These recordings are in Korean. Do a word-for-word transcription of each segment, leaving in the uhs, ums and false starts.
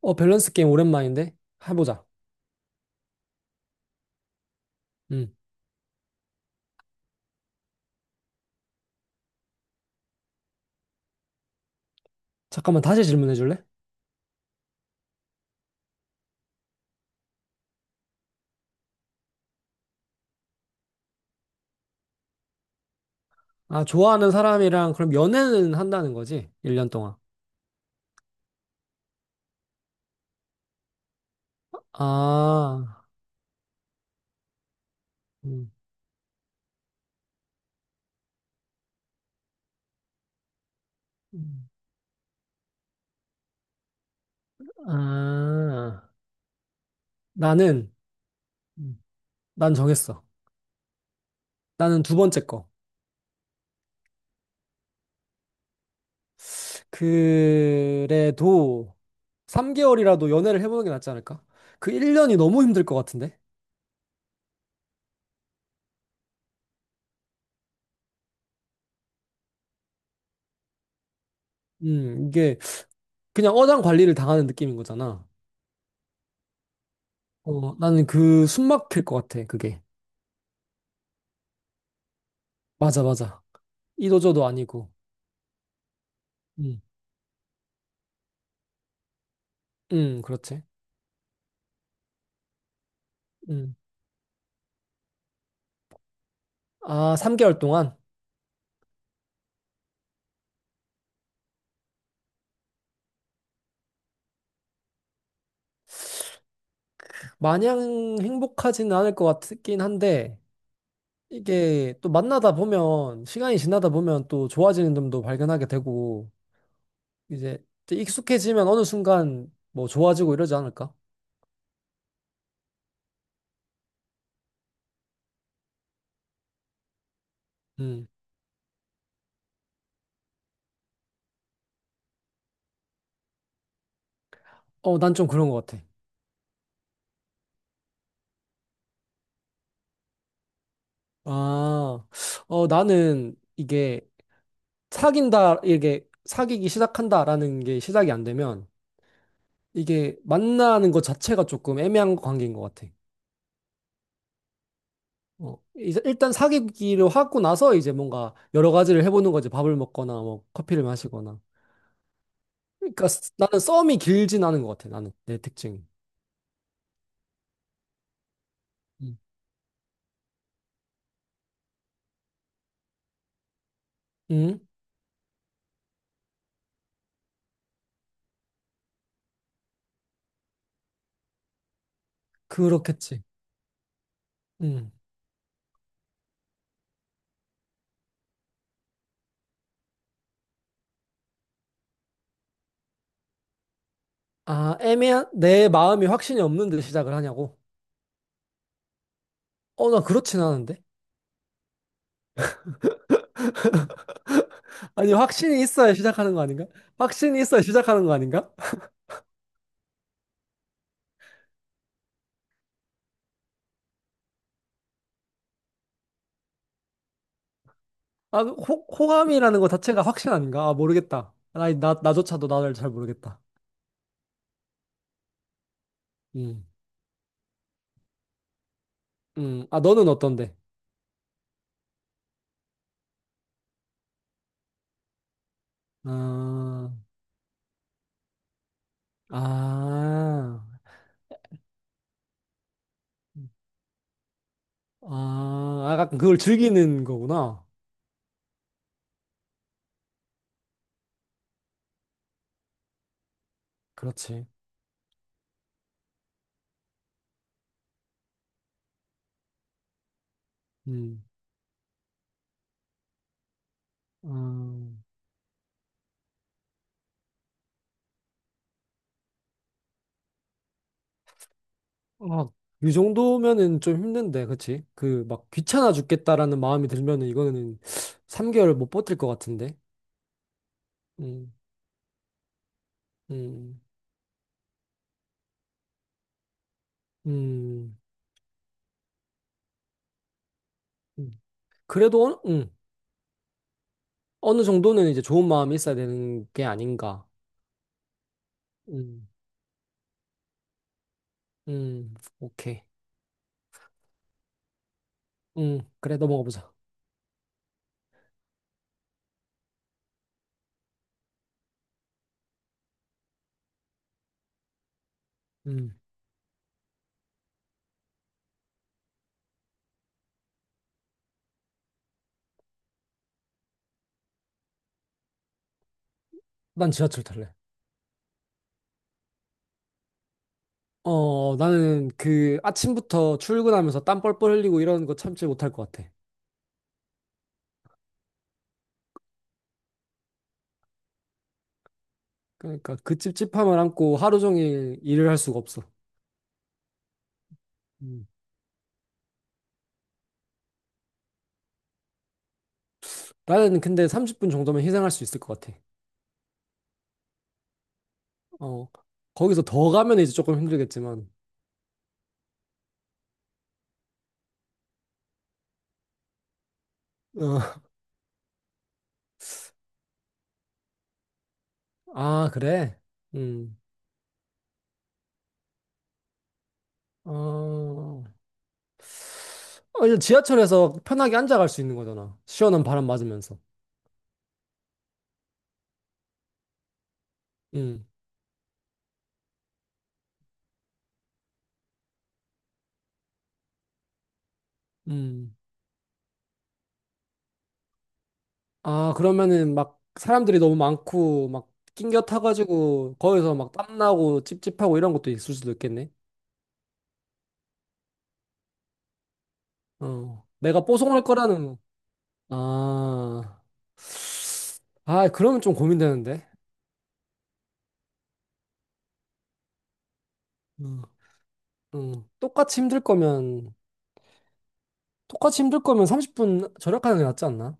어, 밸런스 게임 오랜만인데? 해보자. 음. 잠깐만, 다시 질문해 줄래? 아, 좋아하는 사람이랑 그럼 연애는 한다는 거지? 일 년 동안. 아, 음, 음. 아, 나는, 음, 난 정했어. 나는 두 번째 거. 그래도 삼 개월이라도 연애를 해보는 게 낫지 않을까? 그 일 년이 너무 힘들 것 같은데? 음, 이게 그냥 어장 관리를 당하는 느낌인 거잖아. 어, 나는 그 숨 막힐 것 같아, 그게. 맞아, 맞아. 이도저도 아니고. 음, 음, 그렇지. 음. 아, 삼 개월 동안? 마냥 행복하지는 않을 것 같긴 한데, 이게 또 만나다 보면, 시간이 지나다 보면 또 좋아지는 점도 발견하게 되고, 이제, 이제 익숙해지면 어느 순간 뭐 좋아지고 이러지 않을까? 음. 어, 난 좀 그런 것 같아. 아, 어, 나는 이게 사귄다, 이게 사귀기 시작한다라는 게 시작이 안 되면, 이게 만나는 것 자체가 조금 애매한 관계인 것 같아. 어, 이제 일단 사귀기로 하고 나서 이제 뭔가 여러 가지를 해보는 거지. 밥을 먹거나 뭐 커피를 마시거나. 그러니까 스- 나는 썸이 길진 않은 것 같아. 나는 내 특징이. 음. 음, 그렇겠지. 음. 아, 애매한 내 마음이 확신이 없는데 시작을 하냐고? 어, 나 그렇진 않은데. 아니, 확신이 있어야 시작하는 거 아닌가? 확신이 있어야 시작하는 거 아닌가? 아, 호, 호감이라는 거 자체가 확신 아닌가? 아, 모르겠다. 나, 나, 나조차도 나를 잘 모르겠다. 음. 음. 아, 너는 어떤데? 아. 아, 아, 아, 약간 그걸 즐기는 거구나. 그렇지. 음, 음, 아, 이 정도면은 좀 힘든데, 그치? 그, 막 귀찮아 죽겠다라는 마음이 들면은 이거는 삼 개월 못 버틸 것 같은데. 음, 음, 음, 음. 그래도, 어느- 음, 어느 정도는 이제 좋은 마음이 있어야 되는 게 아닌가. 음, 음, 오케이. 음, 그래, 넘어가 보자. 음, 난 지하철 탈래. 어, 나는 그 아침부터 출근하면서 땀 뻘뻘 흘리고 이런 거 참지 못할 것 같아. 그러니까 그 찝찝함을 안고 하루 종일 일을 할 수가 없어. 음. 나는 근데 삼십 분 정도면 희생할 수 있을 것 같아. 어, 거기서 더 가면 이제 조금 힘들겠지만. 어, 아, 그래? 음. 어, 어, 이제 지하철에서 편하게 앉아갈 수 있는 거잖아. 시원한 바람 맞으면서. 음, 음. 아, 그러면은 막 사람들이 너무 많고 막 낑겨 타가지고 거기서 막 땀나고 찝찝하고 이런 것도 있을 수도 있겠네. 어. 내가 뽀송할 거라는 아. 아, 그러면 좀 고민되는데. 음. 음. 똑같이 힘들 거면 똑같이 힘들 거면 삼십 분 절약하는 게 낫지 않나?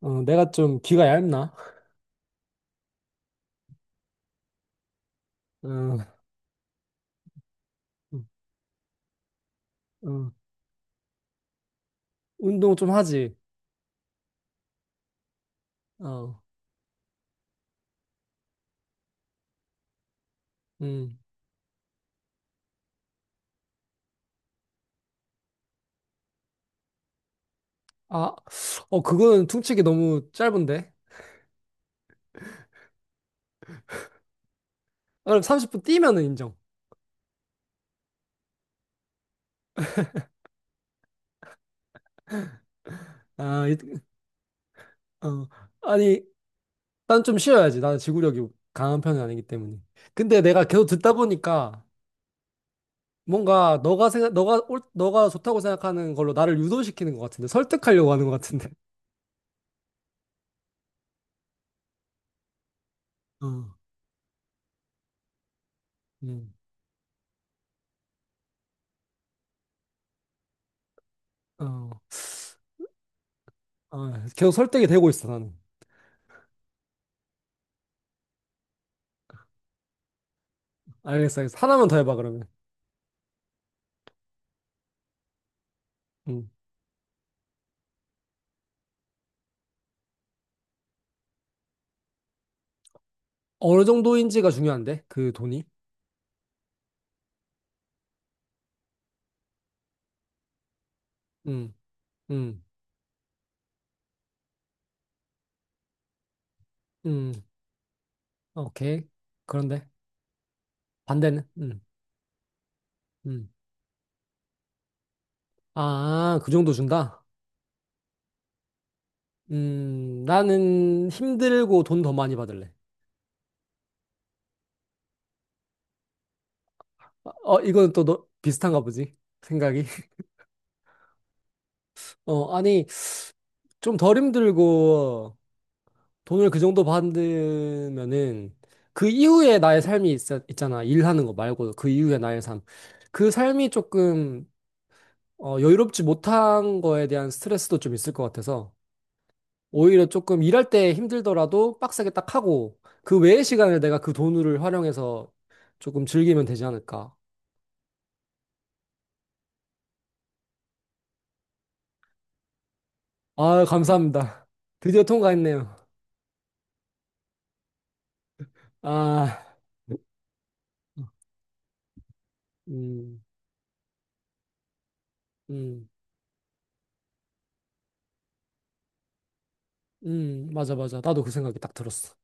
어, 내가 좀 귀가 얇나? 어, 어, 운동 좀 하지. 어, 음. 아, 어, 그거는 퉁치기 너무 짧은데? 아, 그럼 삼십 분 뛰면은 인정. 아, 어, 아니, 난 좀 쉬어야지. 나는 지구력이 강한 편은 아니기 때문에. 근데 내가 계속 듣다 보니까 뭔가 너가 생각, 너가 옳- 너가 좋다고 생각하는 걸로 나를 유도시키는 것 같은데, 설득하려고 하는 것 같은데. 어, 음, 어, 어, 계속 설득이 되고 있어, 나는. 알겠어, 알겠어. 하나만 더 해봐, 그러면. 음. 어느 정도인지가 중요한데, 그 돈이. 음, 음, 음, 오케이. 그런데 반대는, 음, 음. 아, 그 정도 준다? 음, 나는 힘들고 돈 더 많이 받을래. 어, 어, 이건 또 너, 비슷한가 보지? 생각이. 어, 아니, 좀 덜 힘들고 돈을 그 정도 받으면은 그 이후에 나의 삶이 있, 있잖아. 일하는 거 말고 그 이후에 나의 삶. 그 삶이 조금 어, 여유롭지 못한 거에 대한 스트레스도 좀 있을 것 같아서 오히려 조금 일할 때 힘들더라도 빡세게 딱 하고 그 외의 시간을 내가 그 돈을 활용해서 조금 즐기면 되지 않을까. 아, 감사합니다. 드디어 통과했네요. 아, 음, 음, 음, 맞아, 맞아. 나도 그 생각이 딱 들었어.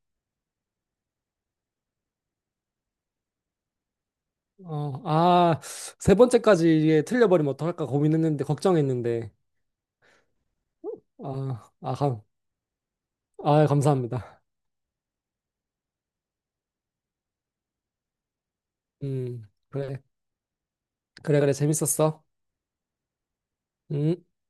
어, 아, 세 번째까지 이게 틀려버리면 어떡할까 고민했는데, 걱정했는데. 아, 아, 감, 아, 감사합니다. 음, 그래, 그래, 그래, 재밌었어. 음.